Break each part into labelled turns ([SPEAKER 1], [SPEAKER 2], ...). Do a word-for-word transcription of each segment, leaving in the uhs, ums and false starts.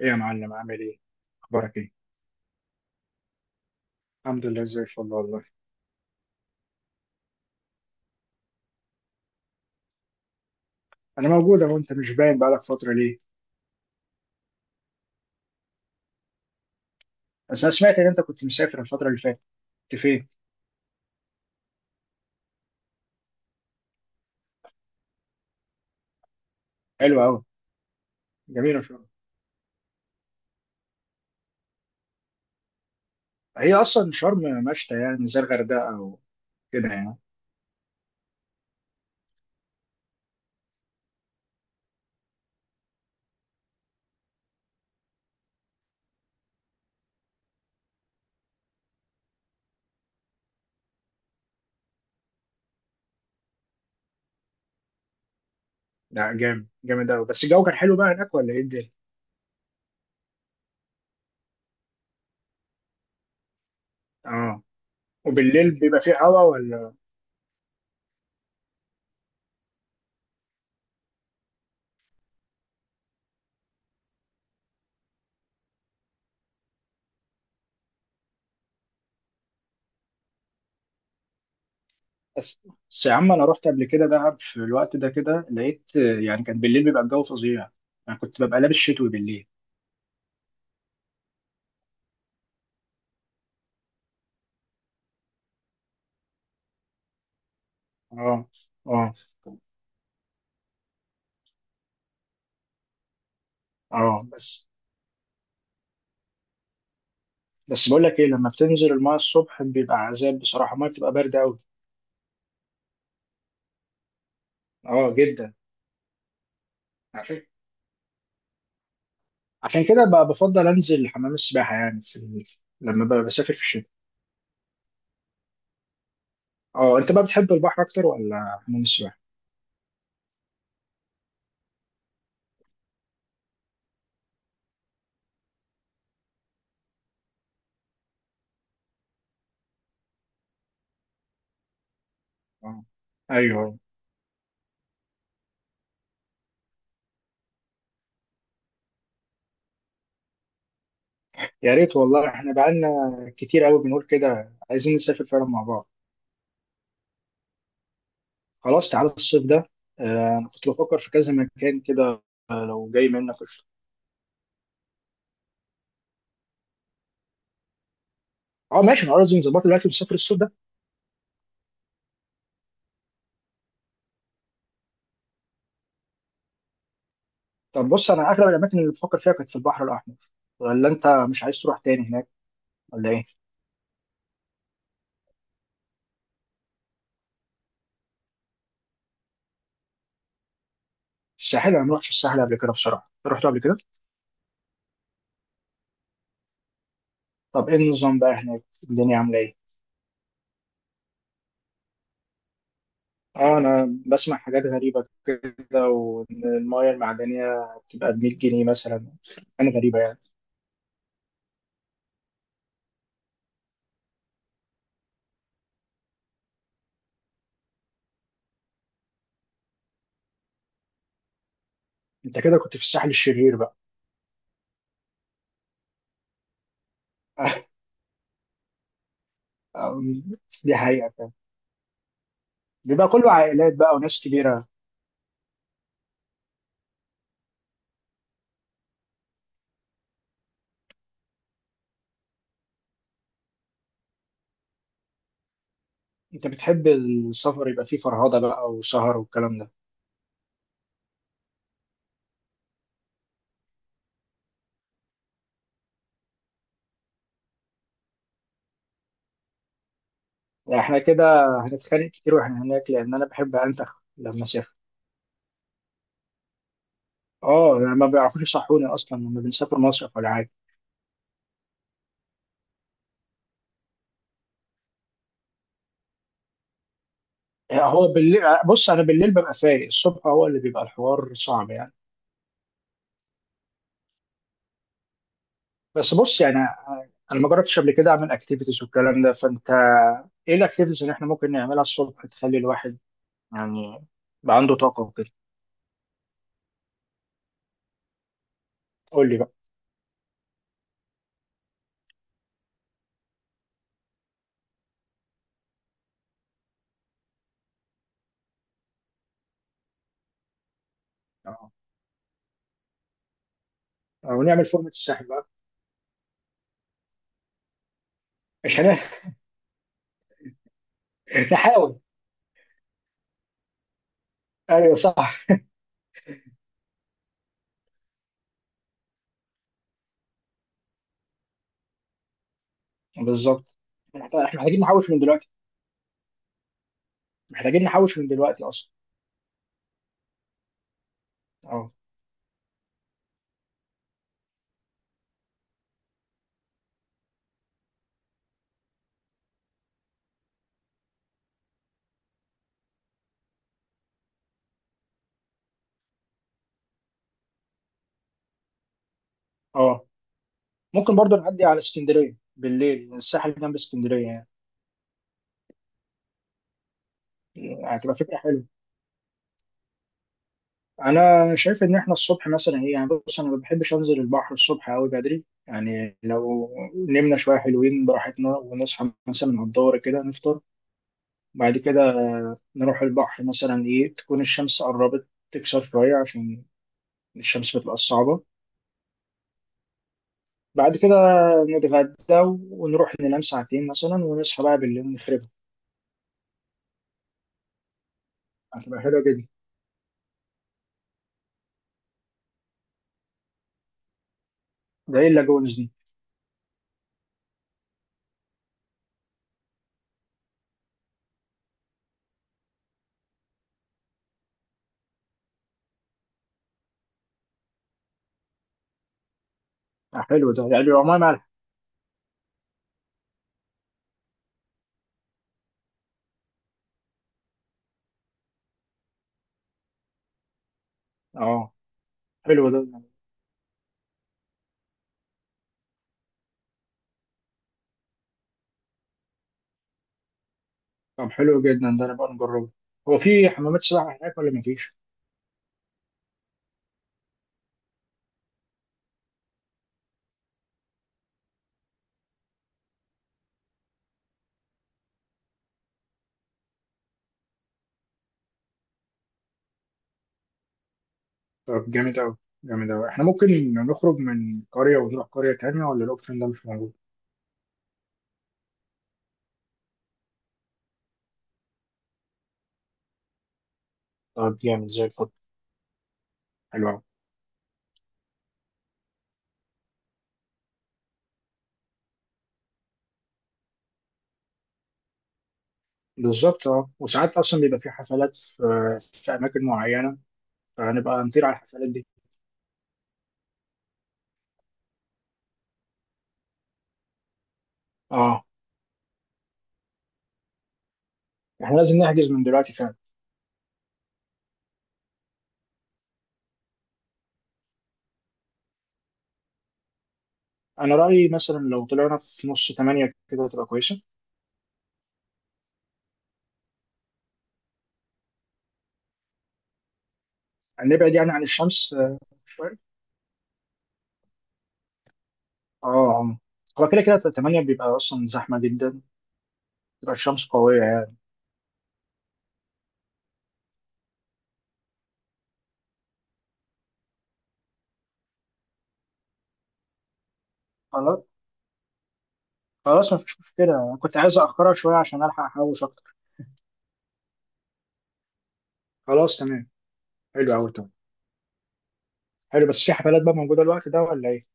[SPEAKER 1] ايه يا معلم عامل ايه؟ اخبارك ايه؟ الحمد لله زي الفل والله. انا موجود اهو، انت مش باين بقالك فترة ليه؟ بس انا سمعت ان انت كنت مسافر الفترة اللي فاتت، كنت فين؟ حلو قوي. جميلة شرم. هي اصلا شرم مشتى يعني زي الغردقة او كده يعني. لا جامد جامد قوي، بس الجو كان حلو بقى هناك ولا ايه الدنيا؟ اه، وبالليل بيبقى فيه هوا ولا بس بس يا عم انا رحت قبل كده دهب في الوقت ده كده لقيت يعني كان بالليل بيبقى الجو فظيع. انا كنت ببقى لابس شتوي بالليل. اه، اه، اه. بس بس بقول لك ايه، لما بتنزل المايه الصبح بيبقى عذاب بصراحه، المايه بتبقى بارده قوي. اه جدا. عشان عشان كده بقى بفضل انزل حمام السباحه يعني في ال... لما ببقى بسافر في الشتاء. اه انت بقى بتحب البحر اكتر ولا حمام السباحه؟ اه. ايوه. يا ريت والله، احنا بقالنا كتير قوي بنقول كده عايزين نسافر فعلا مع بعض. خلاص تعالى الصيف ده. آه انا كنت بفكر في كذا مكان كده. آه، لو جاي منك قشطة. اه ماشي، انا قصدي نظبطه دلوقتي ونسافر الصيف ده. طب بص، انا اغلب الاماكن اللي بفكر فيها كانت في البحر الاحمر، ولا انت مش عايز تروح تاني هناك ولا ايه؟ الساحل انا ما رحتش الساحل قبل كده بصراحه، أنت رحت قبل كده؟ طب ايه النظام بقى هناك؟ الدنيا عامله ايه؟ اه انا بسمع حاجات غريبه كده، وان المايه المعدنيه بتبقى ب مية جنيه مثلا. انا غريبه يعني. انت كده كنت في الساحل الشرير بقى. أم، دي حقيقه فعلا. بيبقى كله عائلات بقى وناس كبيره. انت بتحب السفر يبقى فيه فرهضه بقى وسهر والكلام ده. يعني احنا كده هنتخانق كتير واحنا هناك، لان انا بحب انتخ لما اسافر. اه يعني ما بيعرفوش يصحوني اصلا لما بنسافر مصيف ولا حاجه. يعني هو بالليل، آه، بص انا بالليل ببقى فايق، الصبح هو اللي بيبقى الحوار صعب يعني. بس بص يعني، آه، انا ما جربتش قبل كده اعمل اكتيفيتيز والكلام ده، فانت ايه الاكتيفيتيز اللي احنا ممكن نعملها الصبح تخلي الواحد يعني يبقى عنده طاقه وكده؟ قول لي بقى. اه، ونعمل فورمه الساحل بقى. مش هنعمل؟ نحاول. ايوه صح. بالظبط. احنا محتاجين نحوش من دلوقتي. محتاجين نحوش من دلوقتي اصلا. اه. اه ممكن برضه نعدي على اسكندريه بالليل، الساحل جنب اسكندريه يعني. هتبقى فكره حلوه. انا شايف ان احنا الصبح مثلا ايه يعني، بص انا ما بحبش انزل البحر الصبح قوي بدري يعني، لو نمنا شويه حلوين براحتنا ونصحى مثلا على الظهر كده نفطر، بعد كده نروح البحر مثلا ايه تكون الشمس قربت تكسر شويه، عشان الشمس بتبقى صعبه. بعد كده نتغدى، ونروح ننام ساعتين مثلا ونصحى بقى بالليل نخرب. هتبقى حلوة جدا. ده ايه اللاجونز دي؟ آه، حلو ده، يعني بيبقى ميه مالحة؟ اه. حلو ده. طب حلو جدا ده، نبقى نجربه. هو في حمامات سباحة هناك ولا مفيش؟ طب جامد أوي. جامد أوي. احنا ممكن نخرج من قرية ونروح قرية تانية، ولا الأوبشن ده مش موجود؟ طب جامد زي الفل. حلو أوي. بالظبط. اه وساعات أصلا بيبقى في حفلات في, في أماكن معينة، فهنبقى نطير على الحفلات دي. اه. احنا لازم نحجز من دلوقتي فعلا. أنا رأيي مثلا لو طلعنا في نص تمانية كده تبقى كويسة. نبعد يعني عن الشمس، آه، شوية. اه اه. هو كده كده تمانية بيبقى أصلا زحمة جدا، بتبقى الشمس قوية يعني. خلاص. خلاص مفيش مشكلة، أنا كنت عايز أأخرها شوية عشان ألحق أحوش أكتر. خلاص تمام. حلو أوي تمام. حلو، بس في حفلات بقى موجودة الوقت ده ولا إيه؟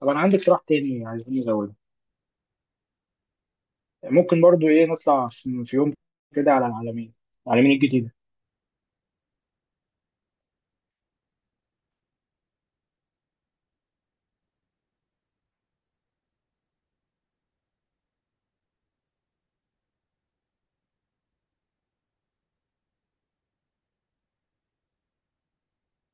[SPEAKER 1] طب أنا عندي اقتراح تاني، عايزين نزوده. ممكن برضو إيه نطلع في في يوم كده على العلمين، العلمين الجديدة.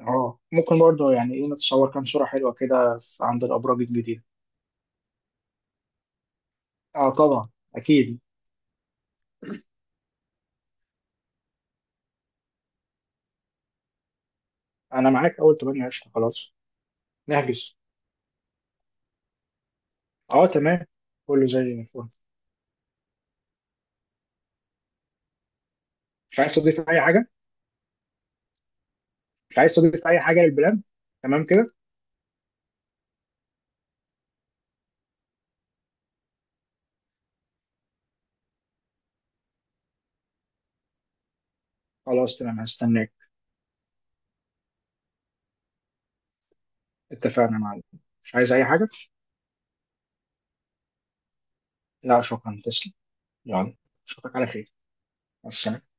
[SPEAKER 1] اه ممكن برضو يعني إيه نتصور كام صورة حلوة كده عند الأبراج الجديدة. اه طبعا. أكيد. أنا معاك أول تمانية قشطة خلاص. نحجز. اه تمام. كله زي الفل. مش عايز تضيف اي حاجه؟ مش عايز تضيف اي حاجه للبلان؟ تمام كده. خلاص تمام، هستناك. اتفقنا يا معلم. مش عايز اي حاجه؟ لا شكرا تسلم. يلا اشوفك على خير. مع السلامه.